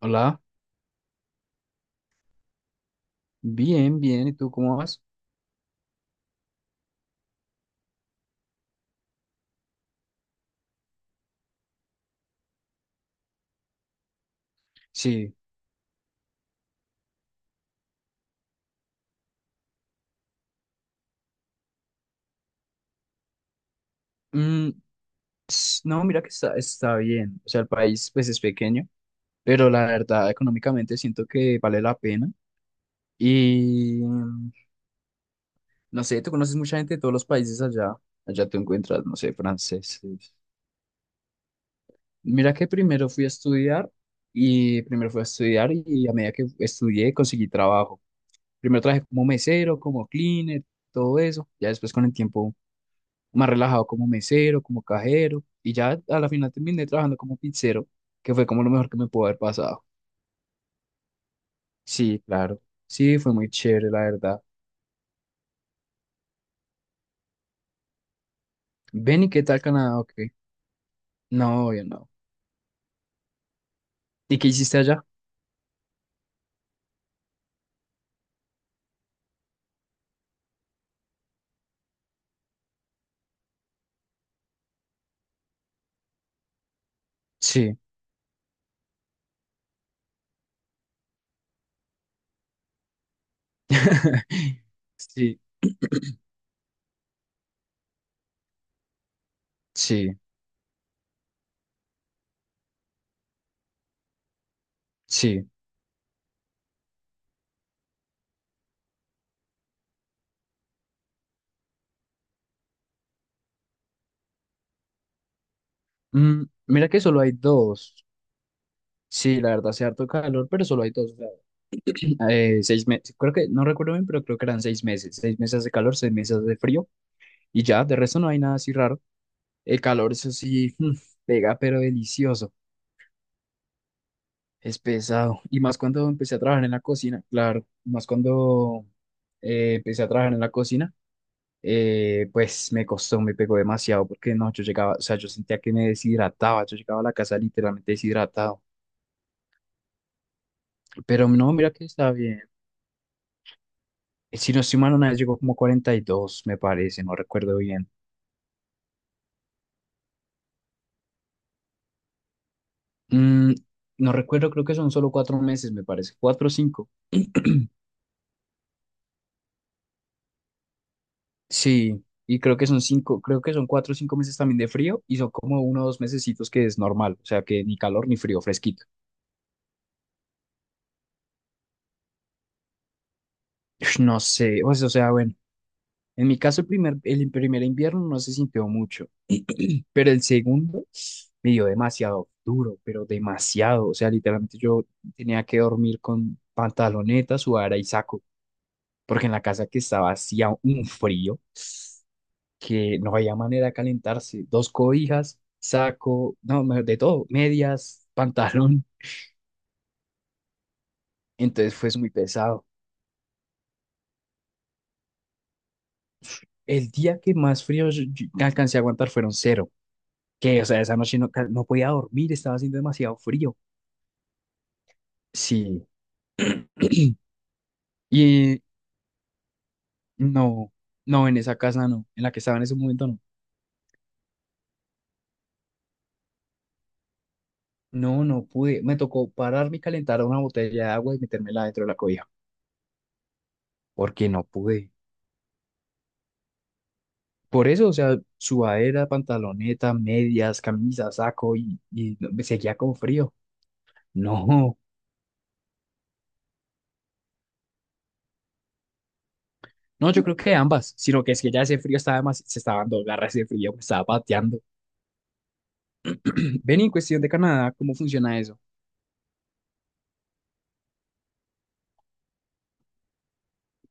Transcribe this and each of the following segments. Hola, bien, bien. ¿Y tú cómo vas? Sí. Mm, no, mira que está bien. O sea, el país pues es pequeño, pero la verdad económicamente siento que vale la pena. Y no sé, tú conoces mucha gente de todos los países allá. Allá tú encuentras, no sé, franceses. Mira que primero fui a estudiar y primero fui a estudiar y a medida que estudié conseguí trabajo. Primero trabajé como mesero, como cleaner, todo eso. Ya después con el tiempo más relajado como mesero, como cajero, y ya a la final terminé trabajando como pizzero, que fue como lo mejor que me pudo haber pasado. Sí, claro, sí, fue muy chévere, la verdad. Ven, ¿y qué tal Canadá? Ok, no, yo no. ¿Y qué hiciste allá? Sí, sí, sí, sí. Mira que solo hay dos. Sí, la verdad, hace harto calor, pero solo hay dos. O sea, 6 meses, creo que, no recuerdo bien, pero creo que eran 6 meses. 6 meses de calor, 6 meses de frío, y ya, de resto no hay nada así raro. El calor, eso sí, pega, pero delicioso. Es pesado. Y más cuando empecé a trabajar en la cocina, claro, más cuando empecé a trabajar en la cocina, pues me costó, me pegó demasiado, porque no, yo llegaba, o sea, yo sentía que me deshidrataba, yo llegaba a la casa literalmente deshidratado. Pero no, mira que está bien. Si no estoy mal, una vez llegó como 42 me parece, no recuerdo bien. Mm, no recuerdo, creo que son solo cuatro meses, me parece, cuatro o cinco. Sí, y creo que son cinco, creo que son cuatro o cinco meses también de frío y son como uno o dos mesecitos que es normal, o sea que ni calor ni frío, fresquito. Ush, no sé, o sea, bueno, en mi caso el primer invierno no se sintió mucho, pero el segundo me dio demasiado duro, pero demasiado, o sea, literalmente yo tenía que dormir con pantaloneta, sudadera y saco, porque en la casa que estaba hacía un frío, que no había manera de calentarse. Dos cobijas, saco, no, mejor de todo, medias, pantalón. Entonces fue muy pesado. El día que más frío yo alcancé a aguantar fueron cero. Que, o sea, esa noche no, no podía dormir, estaba haciendo demasiado frío. Sí. Y no, no, en esa casa no, en la que estaba en ese momento no. No, no pude. Me tocó pararme y calentar una botella de agua y metérmela dentro de la cobija, porque no pude. Por eso, o sea, sudadera, pantaloneta, medias, camisa, saco y me seguía con frío. No, no, yo creo que ambas, sino que es que ya ese frío estaba más, se estaba dando garra ese frío, me estaba pateando. Ven, y en cuestión de Canadá, ¿cómo funciona eso?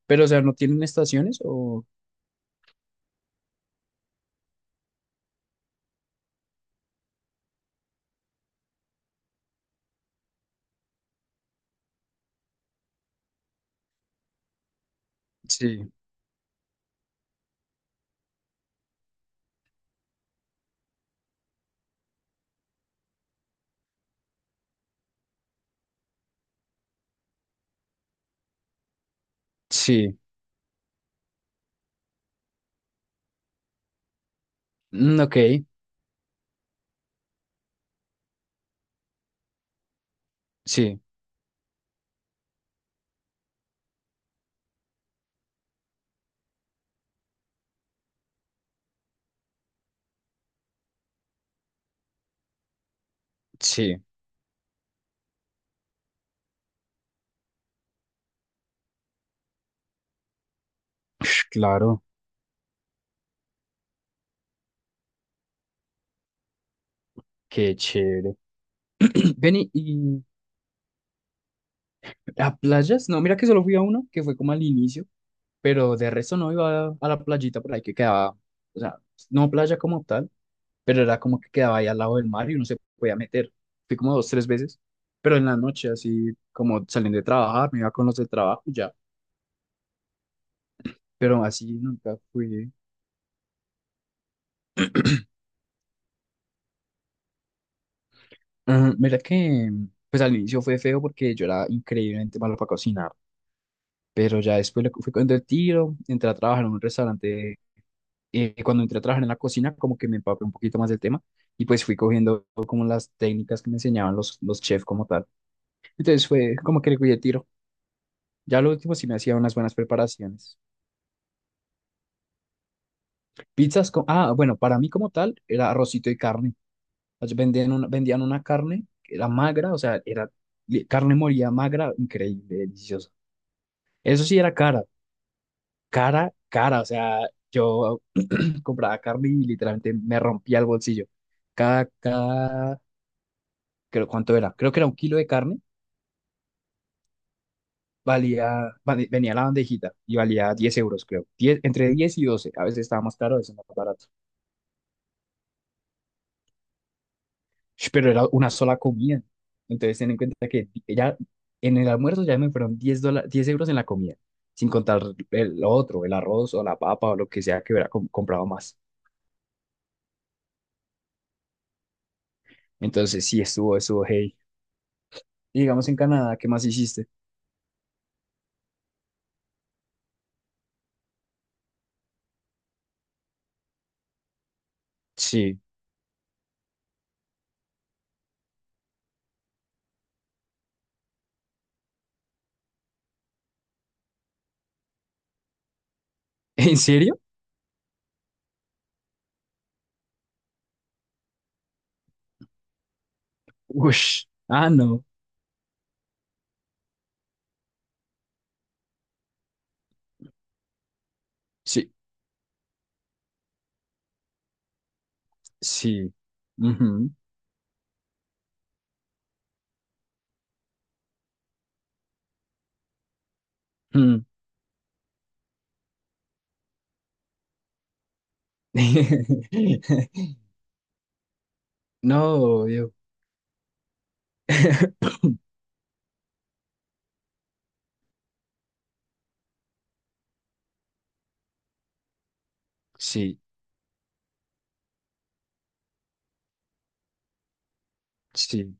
Pero, o sea, ¿no tienen estaciones o...? Sí, sí, ok, sí, sí, claro, qué chévere. Ven, y a playas, no, mira que solo fui a una, que fue como al inicio, pero de resto no iba a la playita por ahí que quedaba, o sea, no playa como tal, pero era como que quedaba ahí al lado del mar y uno se podía meter. Fui como dos, tres veces, pero en la noche, así como saliendo de trabajar, me iba con los del trabajo y ya, pero así nunca fui. Ujú, mira que, pues al inicio fue feo porque yo era increíblemente malo para cocinar, pero ya después le fui con el tiro, entré a trabajar en un restaurante cuando entré a trabajar en la cocina, como que me empapé un poquito más del tema y pues fui cogiendo como las técnicas que me enseñaban los chefs como tal. Entonces fue como que le cuidé tiro. Ya lo último sí me hacía unas buenas preparaciones. Pizzas con, ah, bueno, para mí como tal era arrocito y carne. Ellos vendían una, vendían una carne que era magra, o sea, era carne molida magra, increíble, deliciosa. Eso sí era cara, cara, cara, o sea, yo compraba carne y literalmente me rompía el bolsillo. Cada creo, ¿cuánto era? Creo que era un kilo de carne, venía la bandejita y valía €10, creo. Diez, entre 10 y 12 a veces estaba más caro, a veces más barato. Sh, pero era una sola comida. Entonces, ten en cuenta que ya en el almuerzo ya me fueron €10 en la comida, sin contar el, lo otro, el arroz o la papa o lo que sea que hubiera comprado más. Entonces, sí, estuvo, estuvo, hey. Y digamos en Canadá, ¿qué más hiciste? Sí. ¿En serio? Ush. Ah, no. Sí, sí. Ujú. Mm. No, obvio. Sí, sí,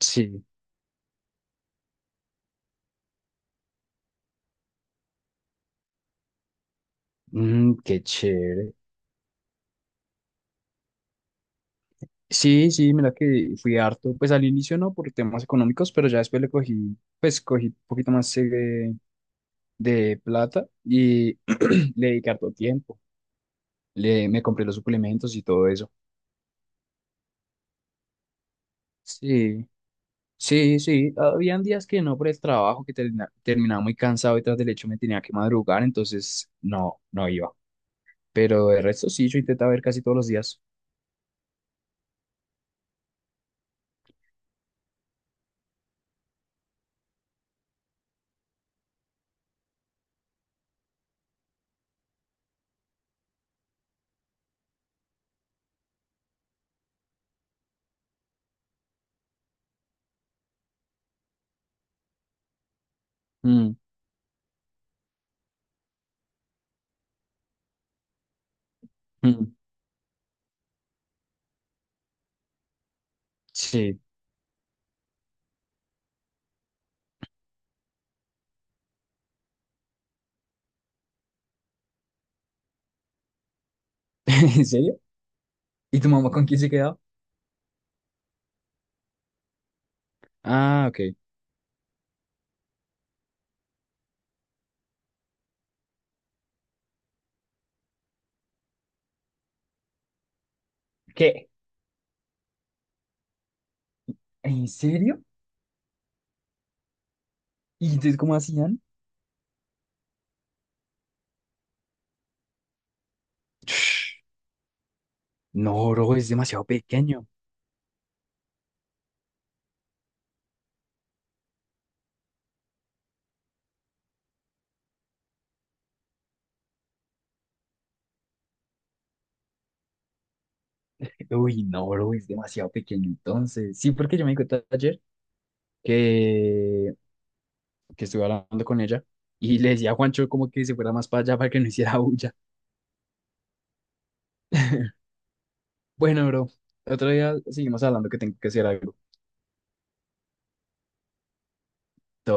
sí. Qué chévere. Sí, sí, mira que fui harto. Pues al inicio no por temas económicos, pero ya después le cogí, pues cogí un poquito más de, plata y le dediqué harto tiempo. Le, me compré los suplementos y todo eso. Sí, sí, sí. Habían días que no por el trabajo, que terminaba muy cansado y tras del hecho me tenía que madrugar, entonces no, no iba. Pero de resto sí, yo intentaba ver casi todos los días. Mm, mm. Sí. ¿En serio? ¿Y tu mamá con quién se quedaba? Ah, ok. ¿Qué? ¿En serio? ¿Y entonces cómo hacían? No, bro, es demasiado pequeño. Uy, no, bro, es demasiado pequeño. Entonces, sí, porque yo me di cuenta ayer que, que estuve hablando con ella y le decía a Juancho como que se fuera más para allá para que no hiciera bulla. Bueno, bro, otro día seguimos hablando que tengo que hacer algo. Todo